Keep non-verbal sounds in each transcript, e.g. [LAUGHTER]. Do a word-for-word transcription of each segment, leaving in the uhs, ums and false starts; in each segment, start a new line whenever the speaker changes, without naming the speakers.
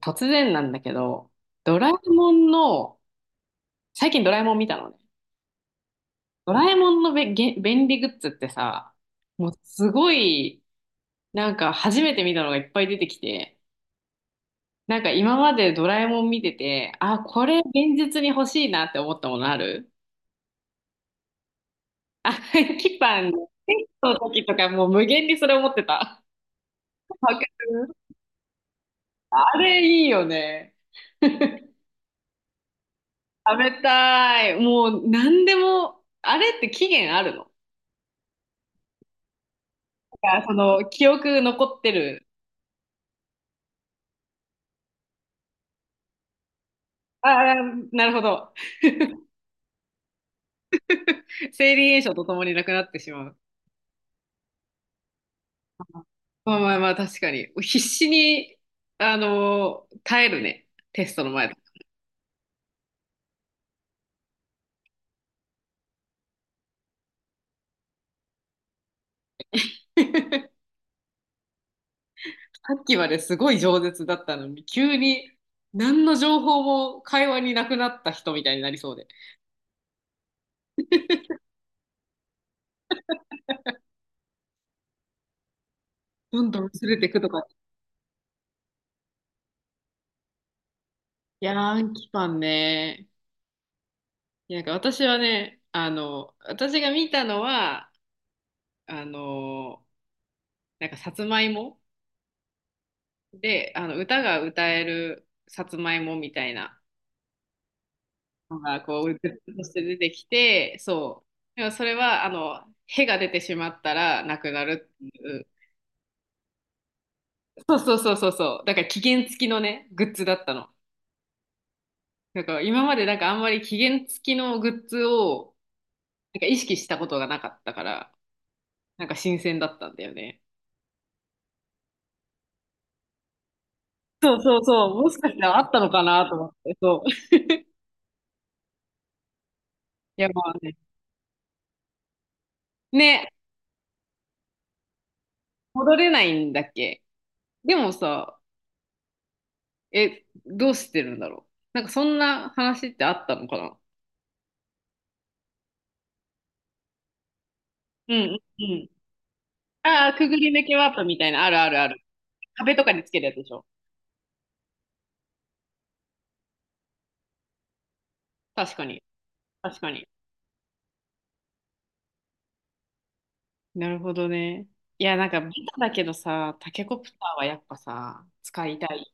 突然なんだけど、ドラえもんの、最近ドラえもん見たのね。ドラえもんのべ、げ、便利グッズってさ、もうすごい、なんか初めて見たのがいっぱい出てきて、なんか今までドラえもん見てて、あ、これ現実に欲しいなって思ったものある？あ、[LAUGHS] キパン、テストの時とかもう無限にそれ思ってた。わかる。あれいいよね。食べたい。もう何でも、あれって期限あるの？なんかその記憶残ってる。ああ、なるほど。生理炎症とともになくなってしまう。まあまあまあ、確かに。必死に、あのー耐えるね。テストの前だ。[LAUGHS] さっきまですごい饒舌だったのに、急に何の情報も会話になくなった人みたいになりそうで。どんどん薄れていくとか。いやー、アンキパンね。なんか私はね、あの、私が見たのは、あの、なんかさつまいもで、あの、歌が歌えるさつまいもみたいな。のがこうグッズとして出てきて、そう。でもそれはあの、へが出てしまったらなくなるっていう。そうそうそうそうそう。だから期限付きのね、グッズだったの。だから今までなんかあんまり期限付きのグッズをなんか意識したことがなかったから、なんか新鮮だったんだよね。そうそうそう。もしかしたらあったのかなと思って、そう。いやまあね。ね、戻れないんだっけ。でもさ、え、どうしてるんだろう。なんかそんな話ってあったのかな。うんうんうん。ああ、くぐり抜けワープみたいな、あるあるある。壁とかにつけるやつでしょ。確かに。確かに。なるほどね。いや、なんか、ベタだけどさ、タケコプターはやっぱさ、使いたい。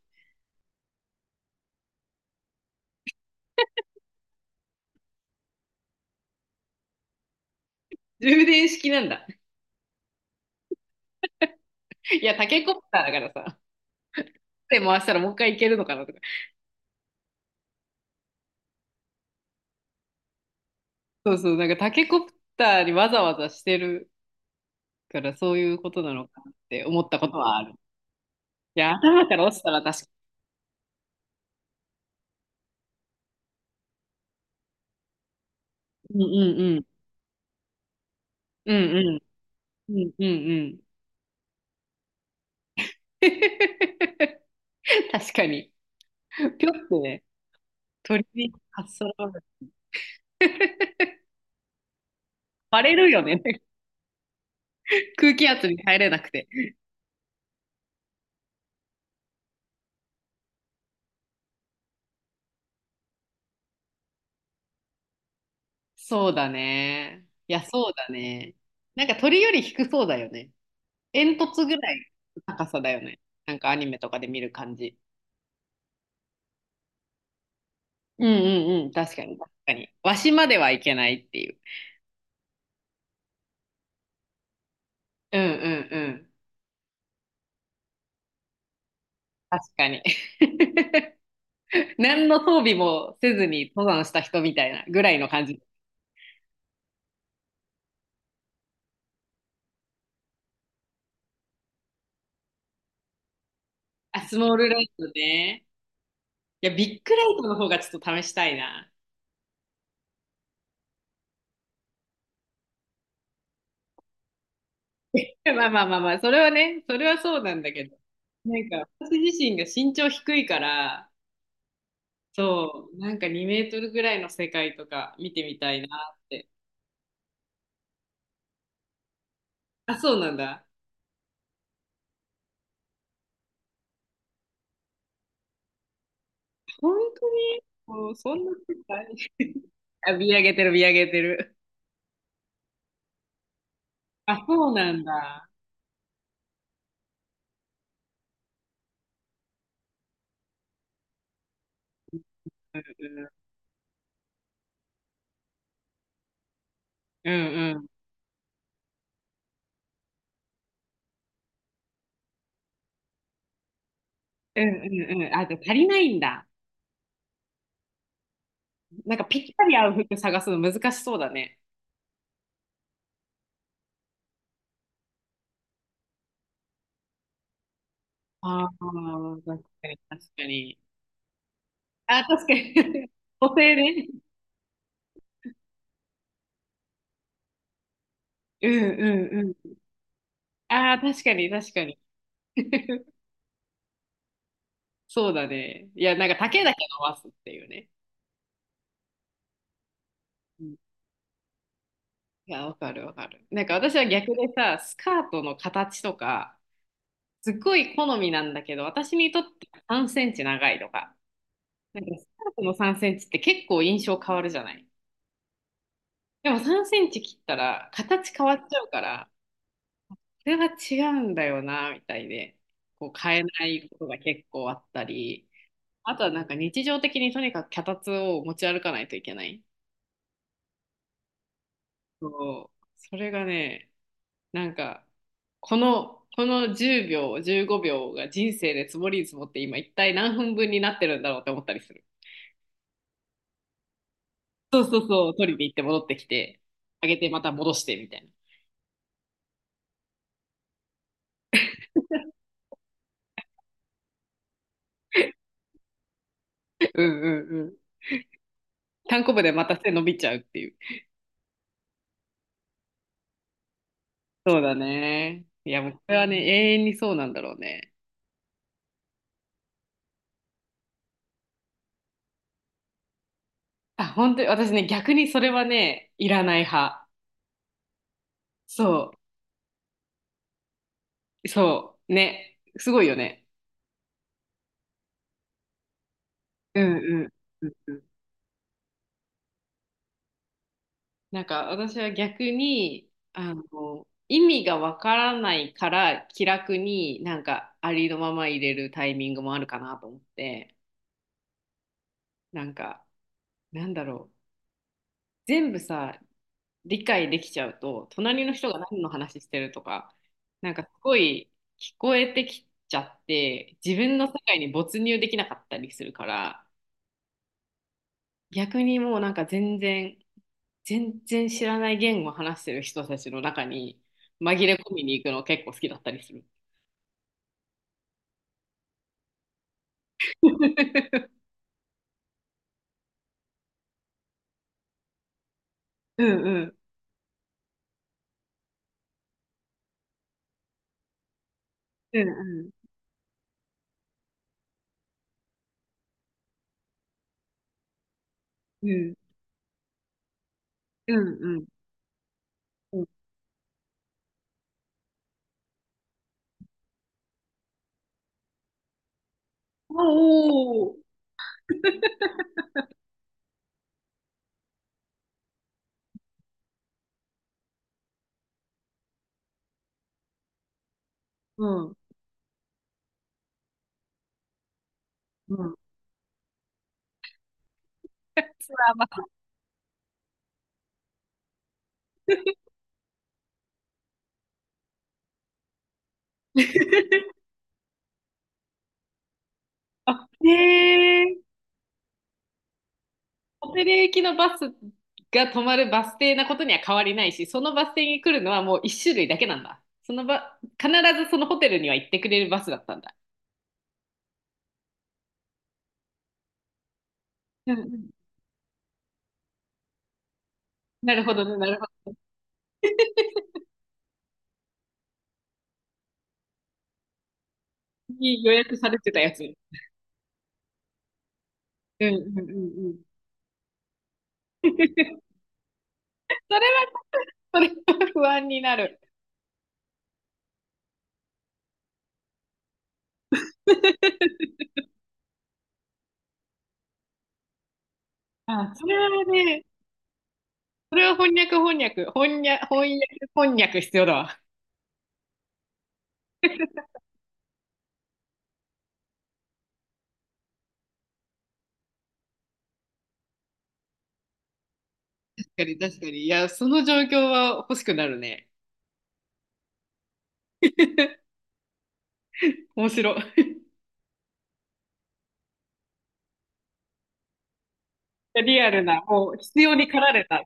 充電式なんだ。[LAUGHS] いや、タケコプターだからさ、手回したらもう一回いけるのかなとか。そうそう、なんかタケコプターにわざわざしてるから、そういうことなのかなって思ったことはある。いや、頭から落ちたら確かに。うんうんうん。うんうん。うんうんうん。[LAUGHS] 確かに。ぴょってね。鳥にかっそらう。[LAUGHS] バレるよね。空気圧に耐えれなくて。そうだね。いや、そうだね。なんか鳥より低そうだよね。煙突ぐらいの高さだよね。なんかアニメとかで見る感じ。うんうんうん。確かに、確かに。わしまではいけないっていう。うんうんうん。確かに。[LAUGHS] 何の装備もせずに登山した人みたいなぐらいの感じ。あ、スモールライトね。いや、ビッグライトの方がちょっと試したいな。[LAUGHS] まあまあまあまあ、それはね、それはそうなんだけど、なんか私自身が身長低いから、そう、なんかにメートルぐらいの世界とか見てみたいなって。あ、そうなんだ。本当にもうそんな世界。 [LAUGHS] あ、見上げてる、見上げてる。あ、そうなんだ。うんうん。うんうんうんうんうん。あ、じゃあ足りないんだ。なんかぴったり合う服探すの難しそうだね。ああ、確かに、確かに。あ、確かに。[LAUGHS] 補正ね。うんうんうん。ああ、確かに確かに。[LAUGHS] そうだね。いや、なんか丈だけ伸ばすっていうね。うん、いや、わかるわかる。なんか私は逆でさ、スカートの形とか、すっごい好みなんだけど、私にとってさんセンチ長いとか、なんかスカートのさんセンチって結構印象変わるじゃない。でもさんセンチ切ったら形変わっちゃうから、これは違うんだよな、みたいで、こう変えないことが結構あったり。あとはなんか日常的にとにかく脚立を持ち歩かないといけない。そう。それがね、なんか、この、このじゅうびょう、じゅうごびょうが人生で積もりに積もって今一体何分分になってるんだろうって思ったりする。そうそうそう、取りに行って戻ってきて、上げてまた戻してみたいな。[LAUGHS] うんうんうん。単行部でまた背伸びちゃうっていう。そうだね。いや、もうこれはね、永遠にそうなんだろうね。あ、本当に私ね、逆にそれはね、いらない派。そう。そう、ね、すごいよね。うんうんうんうん。なんか私は逆に、あの、意味がわからないから気楽になんかありのまま入れるタイミングもあるかなと思って、なんか、なんだろう、全部さ理解できちゃうと隣の人が何の話してるとかなんかすごい聞こえてきちゃって自分の世界に没入できなかったりするから、逆にもうなんか全然、全然知らない言語を話してる人たちの中に紛れ込みに行くの結構好きだったりする。[LAUGHS] うんうん。うんうん。うんうんうん。うん。おおー。うんうん。[LAUGHS] それま。 [LAUGHS] あ、へえ。小寺駅のバスが止まるバス停なことには変わりないし、そのバス停に来るのはもう一種類だけなんだ。そのば、必ずそのホテルには行ってくれるバスだったんだ。うんうん。なるほどね、なるほどね。に予約されてたやつ。うんうんうんうん。[LAUGHS] それは、それは不安になる。[LAUGHS] あ、それはね、それは翻訳翻訳、翻訳、翻訳、翻訳必要だわ。確かに確かに。いや、その状況は欲しくなるね。[LAUGHS] 面白い。リアルな、もう必要に駆られた。